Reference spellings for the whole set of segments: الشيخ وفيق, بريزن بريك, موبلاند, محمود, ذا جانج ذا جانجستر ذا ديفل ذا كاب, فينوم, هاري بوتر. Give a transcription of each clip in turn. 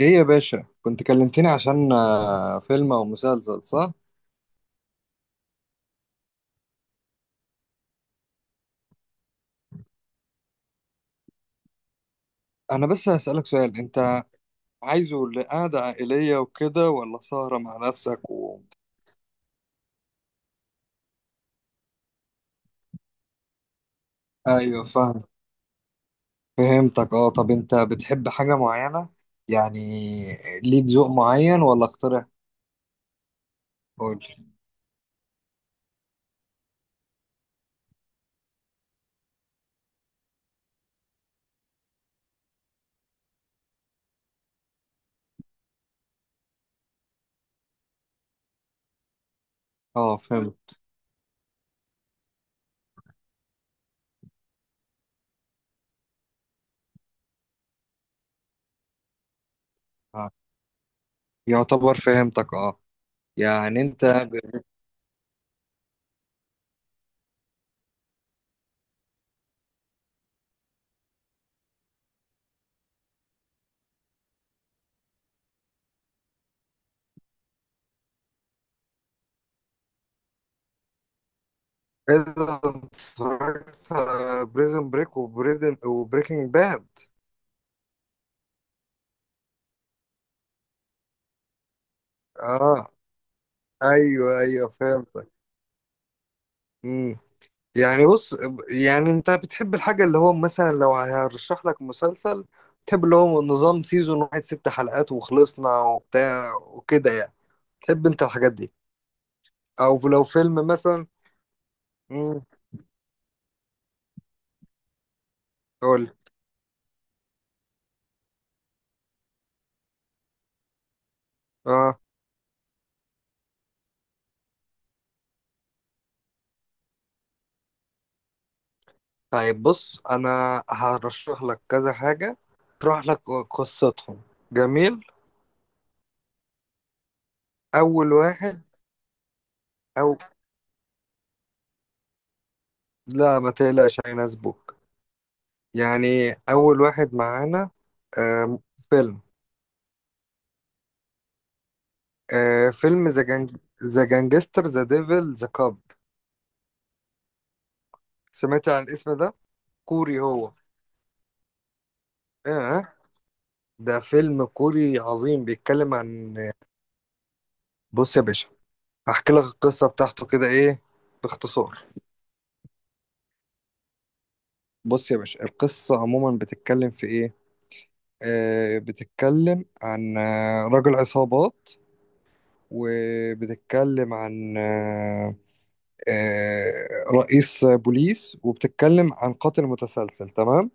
ايه يا باشا، كنت كلمتني عشان فيلم او مسلسل، صح؟ انا بس هسألك سؤال. انت عايزه لقعدة عائلية وكده ولا سهرة مع نفسك و... ايوه، فاهم. فهمتك. اه، طب انت بتحب حاجة معينة؟ يعني ليك ذوق معين ولا اقترح؟ قول. اه، فهمت. آه. يعتبر فهمتك. اه، يعني انت ب- إذا اتفرجت بريزن بريك وبريدن وبريكنج باد. اه، ايوه ايوه، فهمتك. يعني بص، يعني انت بتحب الحاجة اللي هو مثلا لو هرشح لك مسلسل، تحب اللي هو نظام سيزون واحد ست حلقات وخلصنا وبتاع وكده؟ يعني تحب انت الحاجات دي او لو فيلم مثلا؟ مم، قول. اه، طيب بص، انا هرشح لك كذا حاجة، اشرح لك قصتهم. جميل. اول واحد، او لا، ما تقلقش هيناسبوك. يعني اول واحد معانا، آم، فيلم. آه، فيلم ذا جانج، ذا جانجستر ذا ديفل ذا كاب. سمعت عن الاسم ده؟ كوري هو. اه، ده فيلم كوري عظيم، بيتكلم عن، بص يا باشا، هحكي لك القصة بتاعته كده، ايه، باختصار. بص يا باشا، القصة عموما بتتكلم في ايه. آه، بتتكلم عن رجل عصابات، وبتتكلم عن آه رئيس بوليس، وبتتكلم عن قاتل متسلسل. تمام.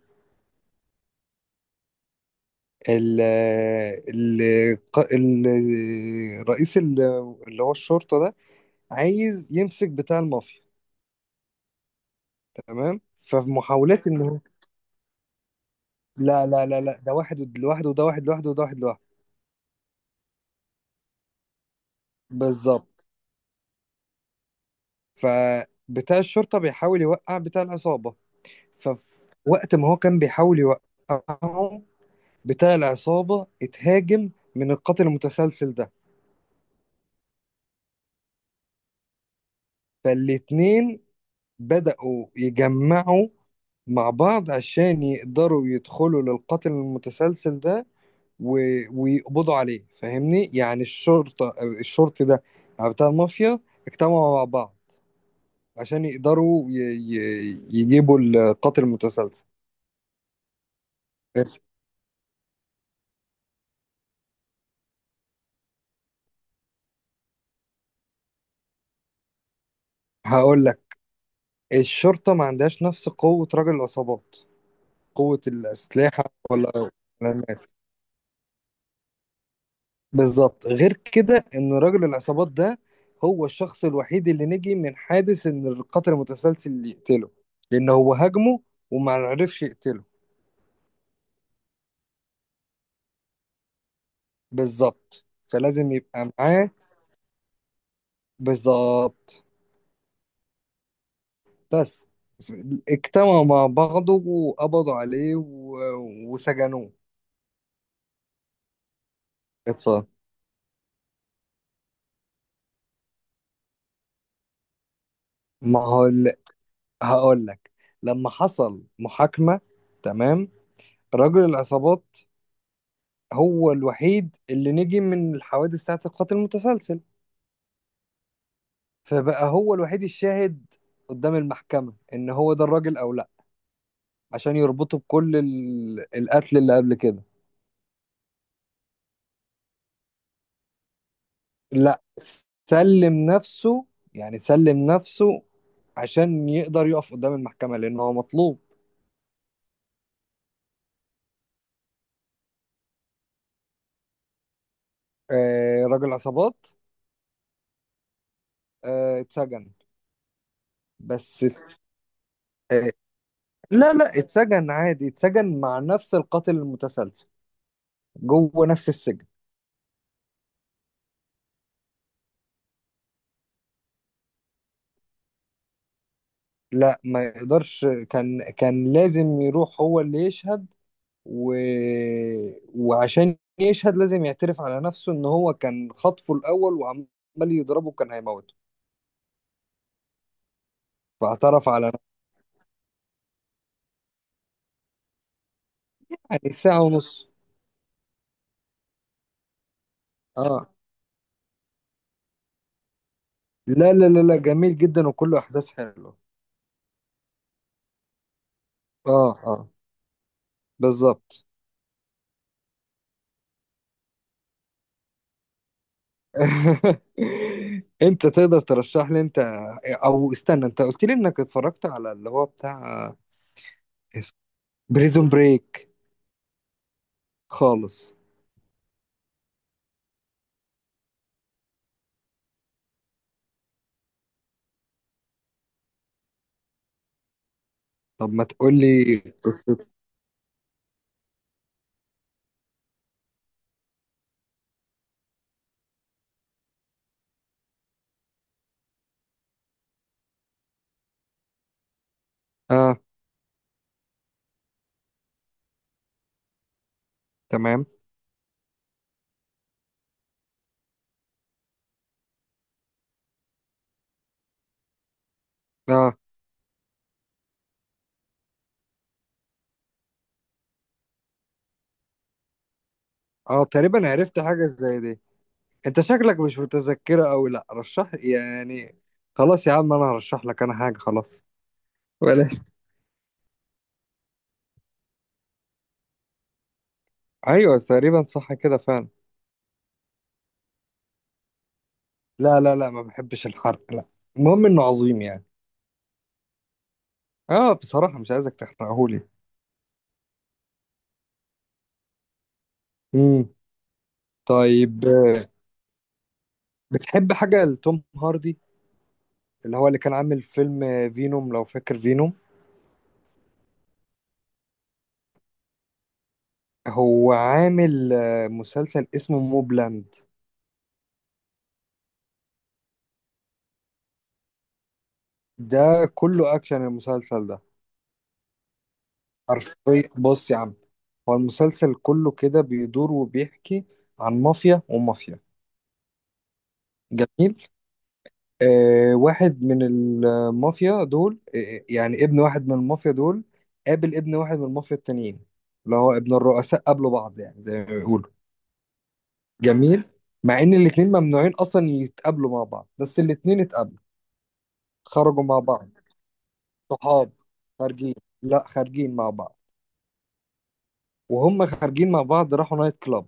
ال ال ال- رئيس ال- اللي هو الشرطة ده عايز يمسك بتاع المافيا. تمام، ففي محاولات ان هو، لا لا لا لا، ده واحد لوحده وده واحد لوحده وده واحد لوحده. بالظبط، فبتاع الشرطة بيحاول يوقع بتاع العصابة. ففي وقت ما هو كان بيحاول يوقعه، بتاع العصابة اتهاجم من القاتل المتسلسل ده. فالاتنين بدأوا يجمعوا مع بعض عشان يقدروا يدخلوا للقاتل المتسلسل ده و... ويقبضوا عليه. فاهمني؟ يعني الشرطة، الشرطي ده، بتاع المافيا، اجتمعوا مع بعض عشان يقدروا يجيبوا القاتل المتسلسل. بس. هقول لك، الشرطة ما عندهاش نفس قوة رجل العصابات، قوة الأسلحة ولا ولا الناس. بالظبط، غير كده ان راجل العصابات ده هو الشخص الوحيد اللي نجي من حادث ان القاتل المتسلسل اللي يقتله، لان هو هاجمه وما عرفش يقتله. بالظبط، فلازم يبقى معاه. بالظبط. بس. ف- اجتمعوا مع بعضه وقبضوا عليه و... وسجنوه. اتفضل. ما هو ال- هقول لك، لما حصل محاكمة، تمام، راجل العصابات هو الوحيد اللي نجي من الحوادث بتاعت القتل المتسلسل. فبقى هو الوحيد الشاهد قدام المحكمة، ان هو ده الراجل او لا، عشان يربطه بكل القتل اللي قبل كده. لا، سلم نفسه، يعني سلم نفسه عشان يقدر يقف قدام المحكمة، لان هو مطلوب. آه، راجل عصابات، آه، اتسجن. بس ات- آه، لا لا، اتسجن عادي، اتسجن مع نفس القاتل المتسلسل، جوه نفس السجن. لا، ما يقدرش، كان كان لازم يروح هو اللي يشهد و... وعشان يشهد لازم يعترف على نفسه ان هو كان خطفه الاول وعمال يضربه، كان هيموته. فاعترف على نفسه. يعني ساعة ونص. اه، لا لا لا لا، جميل جدا وكله احداث حلوة. اه، اه، بالظبط. انت تقدر ترشح لي انت، او استنى، انت قلت لي انك اتفرجت على اللي هو بتاع بريزون بريك؟ خالص. طب ما تقول لي قصته. اه. تمام. اه، اه، تقريبا عرفت حاجة زي دي. انت شكلك مش متذكره قوي، لا رشح يعني، خلاص يا عم انا هرشح لك انا حاجه، خلاص ولا ايوه، تقريبا صح كده فعلا. لا لا لا، ما بحبش الحرق، لا. المهم انه عظيم يعني. اه، بصراحه مش عايزك تحرقهولي. امم. طيب بتحب حاجه لتوم هاردي، اللي هو اللي كان عامل فيلم فينوم، لو فاكر فينوم؟ هو عامل مسلسل اسمه موبلاند. ده كله اكشن المسلسل ده. حرفيا بص يا عم، هو المسلسل كله كده بيدور وبيحكي عن مافيا ومافيا. جميل. آه، واحد من المافيا دول، يعني ابن واحد من المافيا دول قابل ابن واحد من المافيا التانيين، اللي هو ابن الرؤساء، قابلوا بعض يعني زي ما بيقولوا. جميل. مع ان الاتنين ممنوعين اصلا يتقابلوا مع بعض، بس الاتنين اتقابلوا. خرجوا مع بعض، صحاب، خارجين، لا، خارجين مع بعض. وهم خارجين مع بعض راحوا نايت كلاب.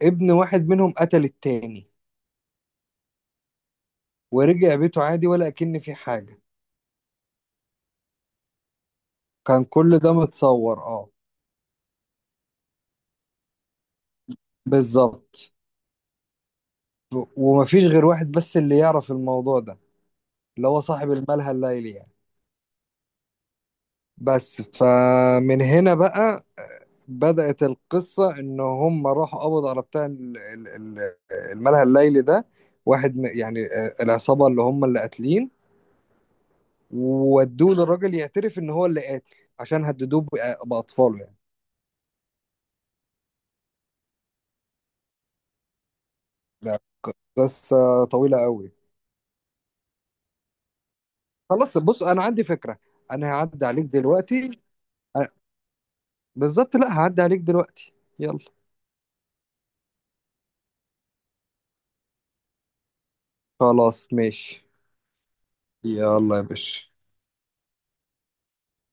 فابن واحد منهم قتل التاني، ورجع بيته عادي ولا أكن في حاجة. كان كل ده متصور، اه. بالظبط. ومفيش غير واحد بس اللي يعرف الموضوع ده، اللي هو صاحب الملهى الليلي يعني. بس، فمن هنا بقى بدأت القصة، إن هم راحوا قبضوا على بتاع الملهى الليلي ده، واحد يعني العصابة اللي هم اللي قاتلين، وودوه للراجل يعترف إن هو اللي قاتل، عشان هددوه بأطفاله يعني. لا. ك- بس آه، طويلة قوي. خلاص بص، انا عندي فكرة، انا هعدي عليك دلوقتي. آه، بالظبط، لا، هعدي عليك دلوقتي. يلا. خلاص ماشي، يلا يا باشا.